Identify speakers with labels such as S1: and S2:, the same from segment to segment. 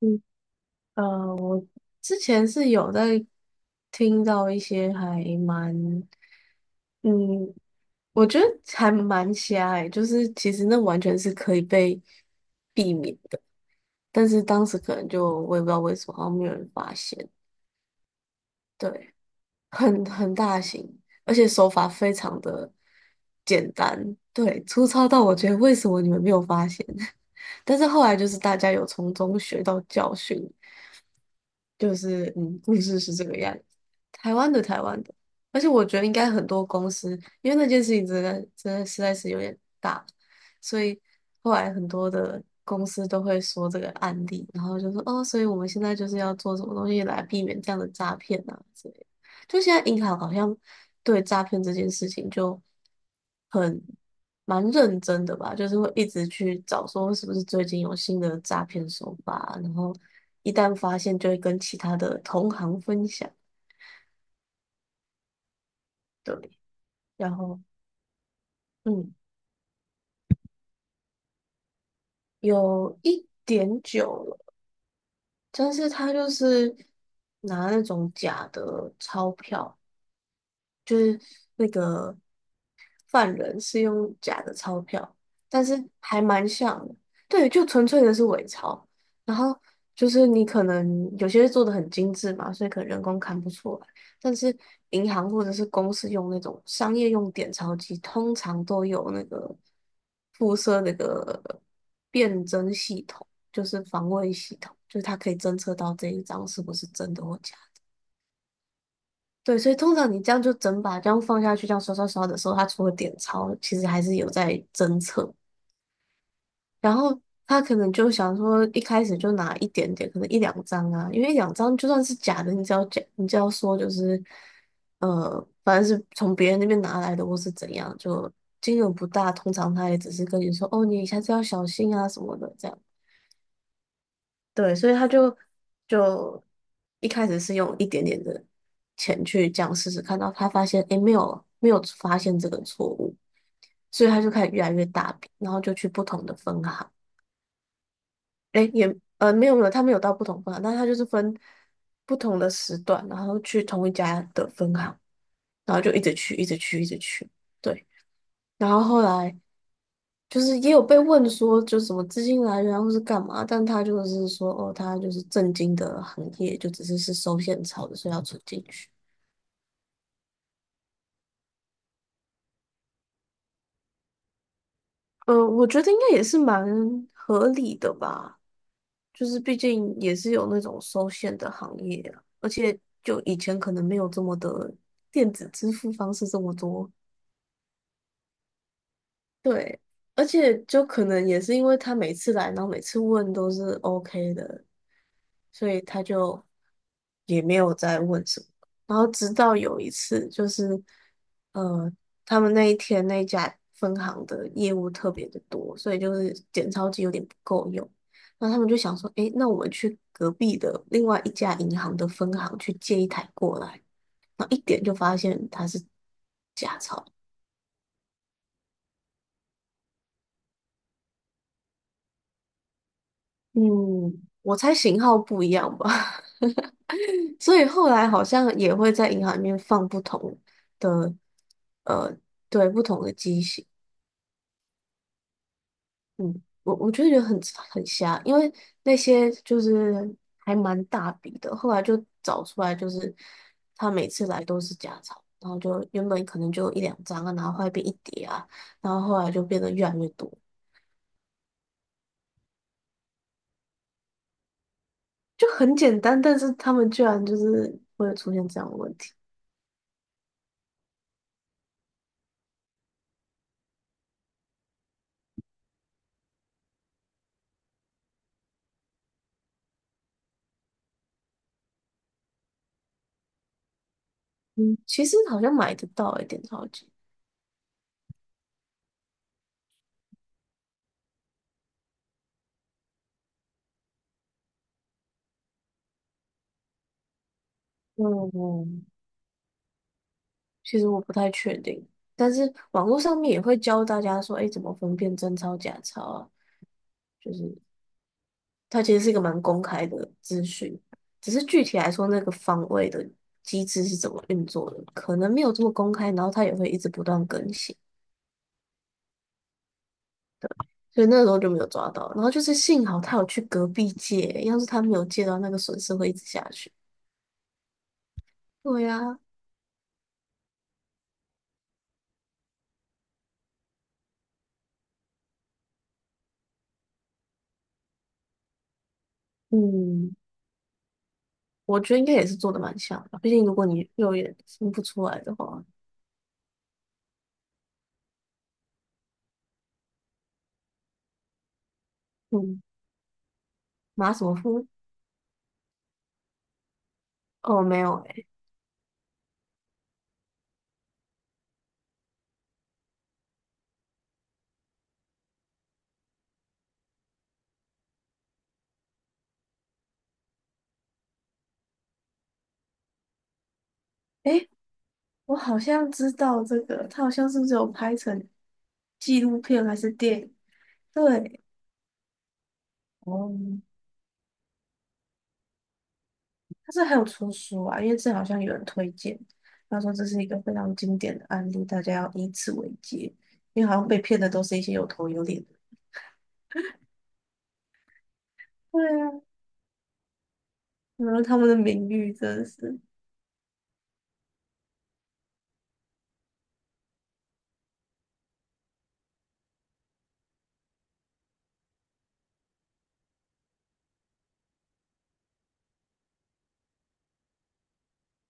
S1: 嗯，我之前是有在听到一些还蛮，嗯，我觉得还蛮瞎隘，就是其实那完全是可以被避免的，但是当时可能就我也不知道为什么，好像没有人发现。对，很大型，而且手法非常的简单。对，粗糙到我觉得为什么你们没有发现？但是后来就是大家有从中学到教训，就是故事是这个样子。台湾的，台湾的。而且我觉得应该很多公司，因为那件事情真的真的实在是有点大，所以后来很多的公司都会说这个案例，然后就说哦，所以我们现在就是要做什么东西来避免这样的诈骗啊之类的。就现在银行好像对诈骗这件事情就，很，蛮认真的吧，就是会一直去找说是不是最近有新的诈骗手法，然后一旦发现就会跟其他的同行分享。对，然后嗯，有一点久了，但是他就是拿那种假的钞票，就是那个犯人是用假的钞票，但是还蛮像的。对，就纯粹的是伪钞。然后就是你可能有些做的很精致嘛，所以可能人工看不出来。但是银行或者是公司用那种商业用点钞机，通常都有那个附设那个辨真系统，就是防伪系统，就是它可以侦测到这一张是不是真的或假。对，所以通常你这样就整把这样放下去，这样刷刷刷的时候，他除了点钞，其实还是有在侦测。然后他可能就想说，一开始就拿一点点，可能一两张啊，因为一两张就算是假的，你只要假，你只要说就是，反正是从别人那边拿来的，或是怎样，就金额不大。通常他也只是跟你说，哦，你下次要小心啊什么的，这样。对，所以他就一开始是用一点点的钱去这样试试看，到他发现诶没有发现这个错误，所以他就开始越来越大笔，然后就去不同的分行。诶，也没有，他没有到不同分行，但他就是分不同的时段，然后去同一家的分行，然后就一直去一直去一直去。对，然后后来。就是也有被问说，就什么资金来源啊或是干嘛，但他就是说，哦，他就是正经的行业，就只是收现钞的，所以要存进去。我觉得应该也是蛮合理的吧，就是毕竟也是有那种收现的行业啊，而且就以前可能没有这么的电子支付方式这么多。对，而且就可能也是因为他每次来，然后每次问都是 OK 的，所以他就，也没有再问什么。然后直到有一次，就是呃，他们那一天那一家分行的业务特别的多，所以就是检钞机有点不够用。那他们就想说，诶，那我们去隔壁的另外一家银行的分行去借一台过来。然后一点就发现它是假钞。嗯，我猜型号不一样吧。所以后来好像也会在银行里面放不同的，呃，对，不同的机型。嗯，我就觉得很瞎，因为那些就是还蛮大笔的，后来就找出来，就是他每次来都是假钞。然后就原本可能就一两张啊，然后后来变一叠啊，然后后来就变得越来越多，就很简单，但是他们居然就是会有出现这样的问题。嗯，其实好像买得到一点钞机。嗯，其实我不太确定，但是网络上面也会教大家说，哎，怎么分辨真钞假钞啊。就是。它其实是一个蛮公开的资讯，只是具体来说，那个防卫的机制是怎么运作的，可能没有这么公开，然后它也会一直不断更新，所以那时候就没有抓到。然后就是幸好他有去隔壁借，要是他没有借到，那个损失会一直下去。对呀。嗯，我觉得应该也是做的蛮像的，毕竟如果你肉眼分不出来的话。嗯，马什么夫？哦，没有。诶，诶，我好像知道这个，他好像是不是有拍成纪录片还是电影？对。哦，他是还有出书啊，因为这好像有人推荐，他说这是一个非常经典的案例，大家要以此为戒，因为好像被骗的都是一些有头有脸的。对啊，然后他们的名誉真的是，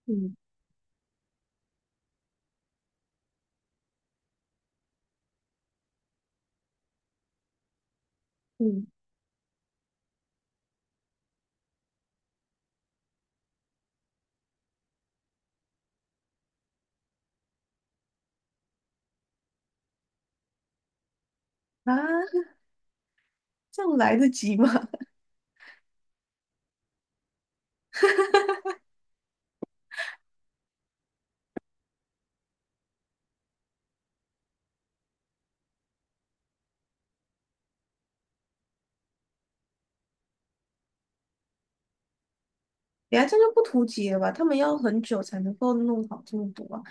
S1: 嗯嗯，啊，这样来得及吗？等下这样就不图解了吧？他们要很久才能够弄好这么多啊，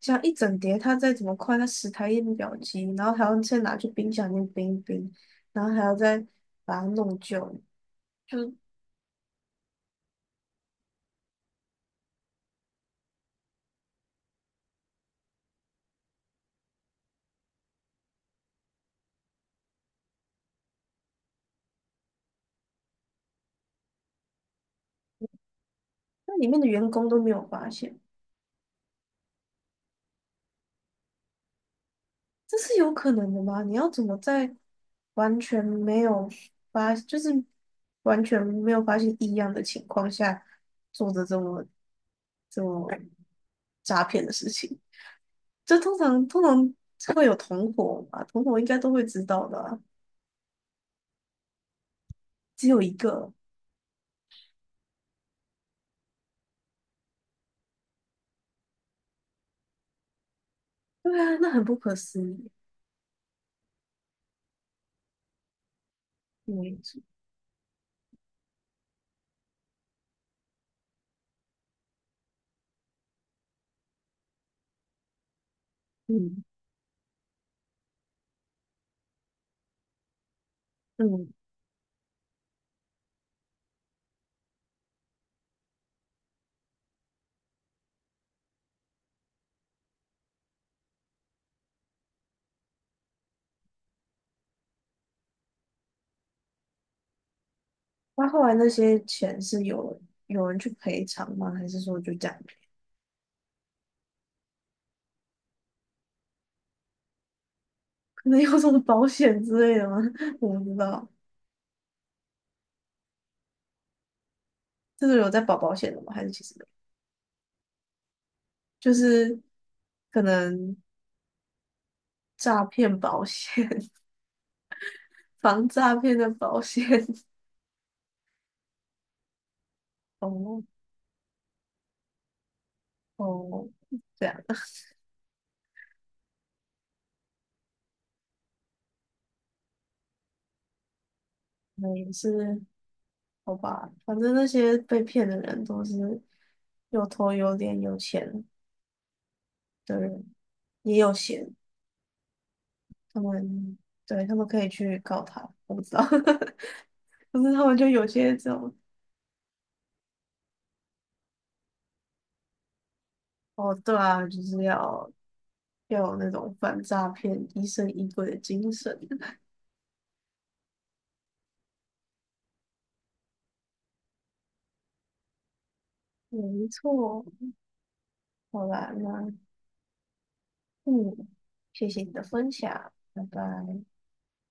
S1: 这样一整叠，他再怎么快，他10台印表机，然后还要再拿去冰箱里面冰一冰，然后还要再把它弄旧。就那里面的员工都没有发现，这是有可能的吗？你要怎么在完全没有发，就是完全没有发现异样的情况下，做着这么诈骗的事情？这通常会有同伙嘛，同伙应该都会知道的啊只有一个。对啊，那很不可思议。嗯嗯嗯，那后来那些钱是有人去赔偿吗？还是说就这样？可能有什么保险之类的吗？我不知道。这个有在保保险的吗？还是其实没有就是可能诈骗保险、防诈骗的保险。哦，哦，这样，那也是好吧。反正那些被骗的人都是有头有脸、有钱的人，也有闲。他们。对，他们可以去告他。我不知道，可是他们就有些这种。哦，对啊，就是要有那种反诈骗疑神疑鬼的精神。没错，好啦，那嗯，谢谢你的分享，拜拜。